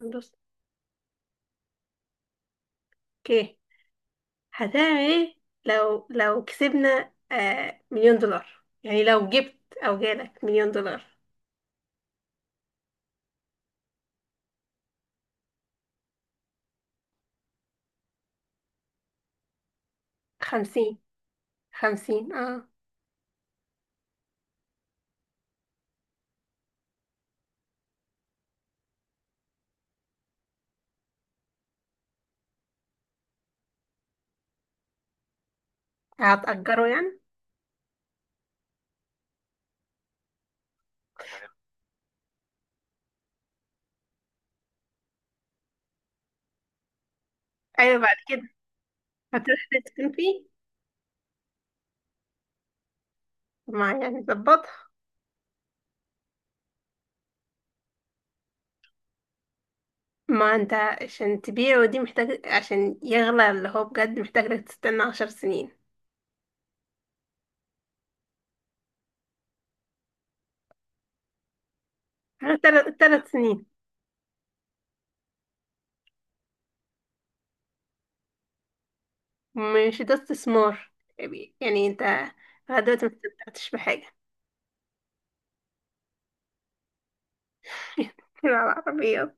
بص، اوكي، هتعمل ايه لو كسبنا مليون دولار؟ يعني لو جبت او جالك مليون دولار. خمسين. خمسين، اه. هتأجره يعني؟ ايوه، بعد كده هتروح تسكن فيه. ما يعني ظبطها. ما انت عشان تبيعه دي محتاج، عشان يغلى اللي هو بجد محتاج لك تستنى عشر سنين. تلات سنين. مش ده استثمار يعني؟ انت لغاية دلوقتي ما استمتعتش بحاجة. العربيات.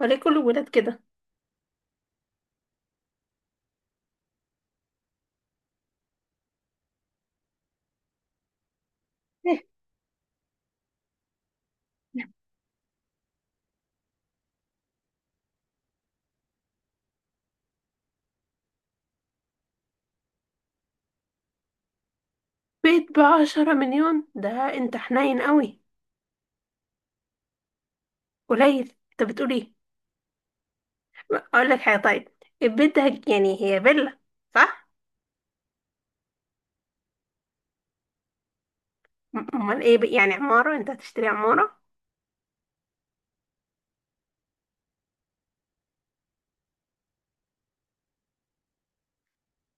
وليه كل الولاد كده؟ بيت بعشرة مليون؟ ده انت حنين قوي. قليل، انت بتقول ايه؟ اقول لك حاجة طيب، البيت ده يعني هي فيلا، صح؟ امال ايه؟ يعني عمارة؟ انت هتشتري عمارة؟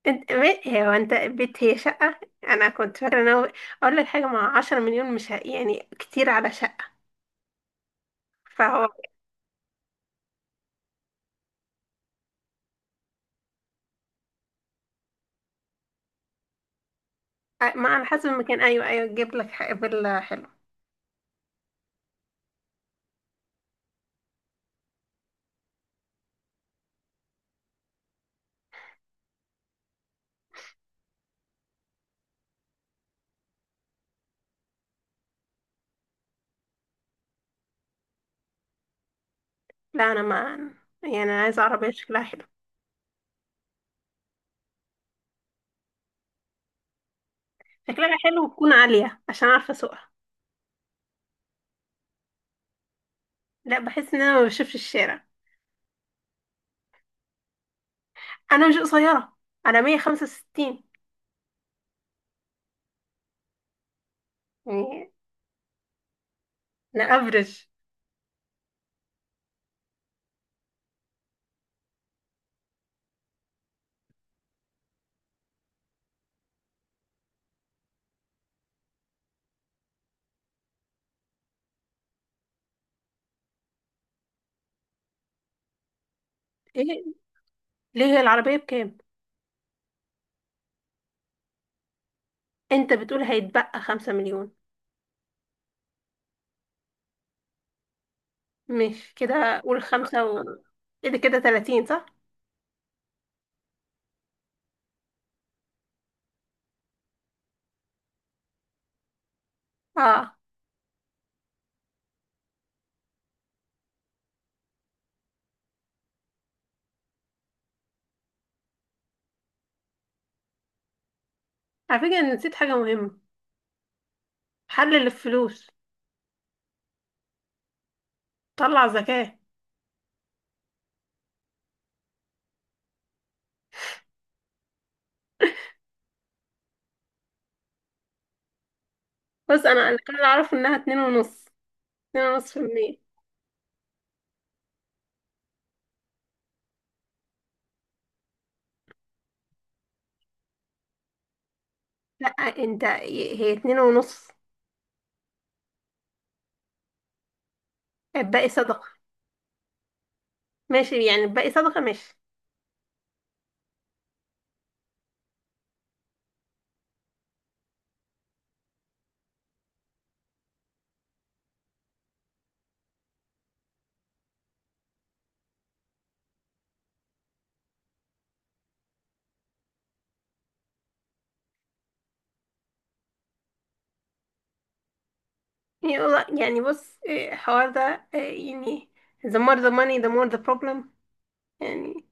انت بيت، هو انت بيت هي شقة؟ انا كنت فاكرة ان هو، اقول لك حاجة، مع عشرة مليون مش يعني كتير على شقة، فهو. ما على حسب المكان، ايوه ايوه، تجيب لك فيلا حلو. لا انا ما، يعني انا عايزة عربية شكلها حلو، شكلها حلو وتكون عالية عشان اعرف اسوقها. لا بحس ان انا ما بشوفش الشارع. انا مش قصيره، انا 165 يعني. انا افرج. ايه؟ ليه هي العربيه بكام؟ انت بتقول هيتبقى 5 مليون؟ مش كده، قول خمسة ايه ده كده 30، صح؟ اه. على فكره أنا نسيت حاجه مهمه. حلل الفلوس، طلع زكاه. بص انا كان اعرف انها اتنين ونص. اتنين ونص في المية. لا، انت هي اتنين ونص. الباقي صدقه، ماشي. يعني الباقي صدقه، ماشي. يعني يعني، بص إيه، الحوار ده إيه، يعني the more the money the more the problem. يعني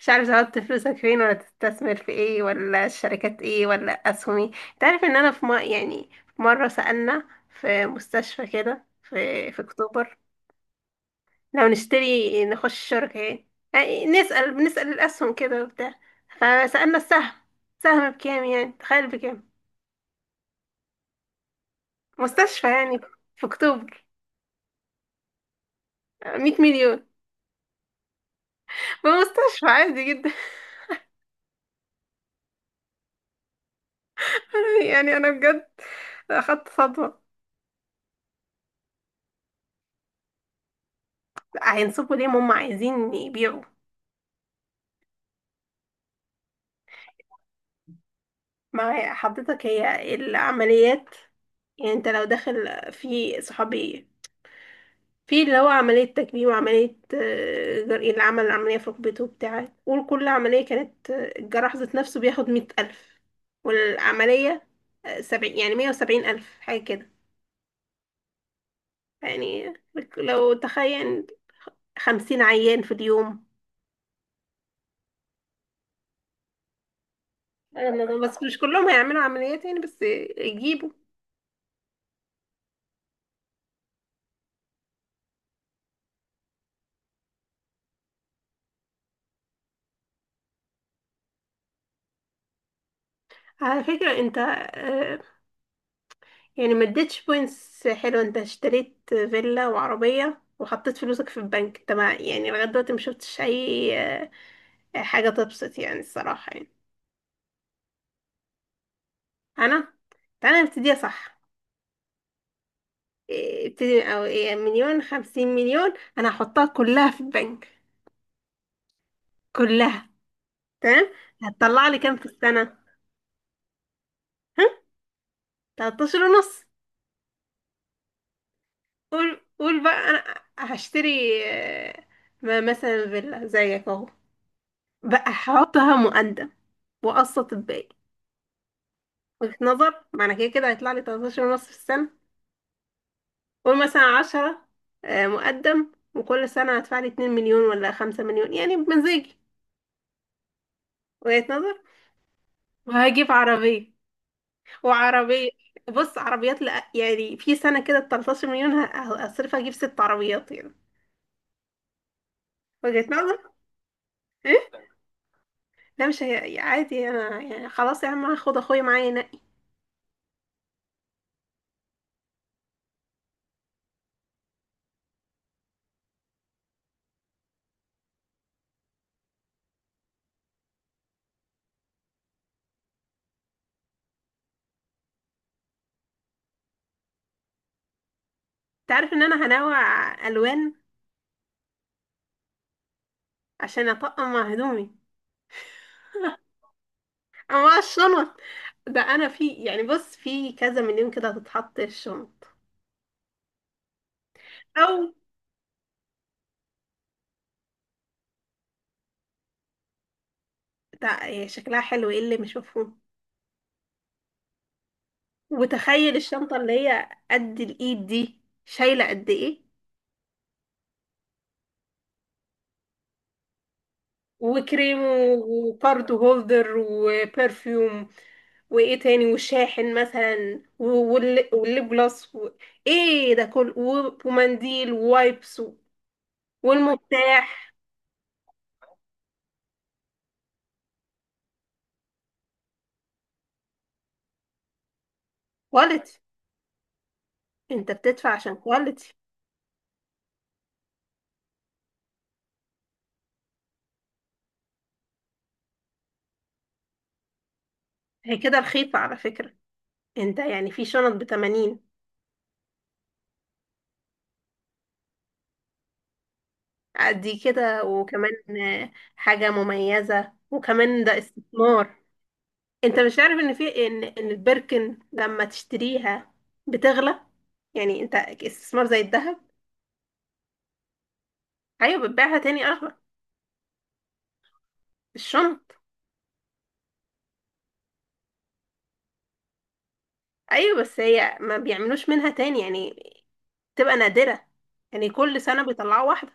مش عارف تحط فلوسك فين، ولا تستثمر في ايه، ولا الشركات ايه، ولا اسهم ايه. انت عارف ان انا يعني، في مرة سألنا في مستشفى كده في في اكتوبر، لو نشتري نخش شركة ايه، يعني نسأل، بنسأل الاسهم كده وبتاع. فسألنا السهم، سهم بكام، يعني تخيل بكام؟ مستشفى يعني، في اكتوبر. 100 مليون. بمستشفى عادي جدا. يعني انا بجد اخدت صدمة. هينصبوا ليه؟ ما هم عايزين يبيعوا. ما هي حضرتك هي العمليات. يعني انت لو داخل في صحابي، في اللي هو عملية تكميم، وعملية جرقين اللي عمل العملية في ركبته وبتاع، قول كل عملية كانت الجراح ذات نفسه بياخد مية ألف، والعملية سبعين، يعني مية وسبعين ألف، حاجة كده. يعني لو تخيل خمسين عيان في اليوم. أنا بس مش كلهم هيعملوا عمليات، يعني بس يجيبوا. على فكرة انت يعني ما اديتش بوينتس حلوه. انت اشتريت فيلا وعربيه وحطيت فلوسك في البنك. انت ما يعني لغايه دلوقتي ما شفتش اي حاجه تبسط يعني، الصراحه يعني. انا، تعالى نبتديها صح. إيه، ابتدي او إيه، مليون، خمسين مليون. انا هحطها كلها في البنك، كلها. تمام. هتطلع لي كام في السنه؟ ها؟ 13 ونص. قول قول بقى، انا هشتري آه، مثلا فيلا زيك اهو، بقى هحطها مقدم واقسط الباقي. وجهة نظر. معنى كده كده هيطلع لي 13 ونص في السنة. قول مثلا 10 مقدم، وكل سنة هدفع لي 2 مليون ولا 5 مليون، يعني بمزاجي. وجهة نظر. وهجيب عربية وعربية. بص عربيات، لأ يعني، في سنة كده ب 13 مليون هصرف اجيب ست عربيات يعني. وجهة نظر. ايه؟ لا مش هي يعني، عادي انا يعني، خلاص يا عم هاخد اخويا معايا ينقي. انت عارف ان انا هنوع الوان عشان اطقم مع هدومي، مع الشنط. ده انا في يعني، بص، في كذا مليون كده هتتحط الشنط. او ده هي شكلها حلو، ايه اللي مش مفهوم؟ وتخيل الشنطة اللي هي قد الايد دي شايلة قد ايه. وكريم وكارد هولدر وبرفيوم، وايه تاني، وشاحن مثلا، والليب جلاس ايه ده كله، و ومنديل ووايبس والمفتاح. كواليتي، انت بتدفع عشان كواليتي. هي كده رخيصة على فكرة، انت يعني في شنط بتمانين قد كده وكمان. حاجة مميزة، وكمان ده استثمار. انت مش عارف ان في ان البركن لما تشتريها بتغلى، يعني انت استثمار زي الذهب. ايوه، بتبيعها تاني اغلى. الشنط. ايوه بس هي ما بيعملوش منها تاني يعني، تبقى نادرة، يعني كل سنة بيطلعوا واحدة.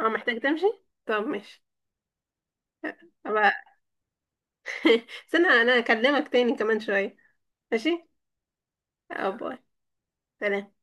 اه محتاج تمشي؟ طب ماشي. أه، أبقى- استنى، انا اكلمك تاني كمان شوية. ماشي. اه، باي. سلام.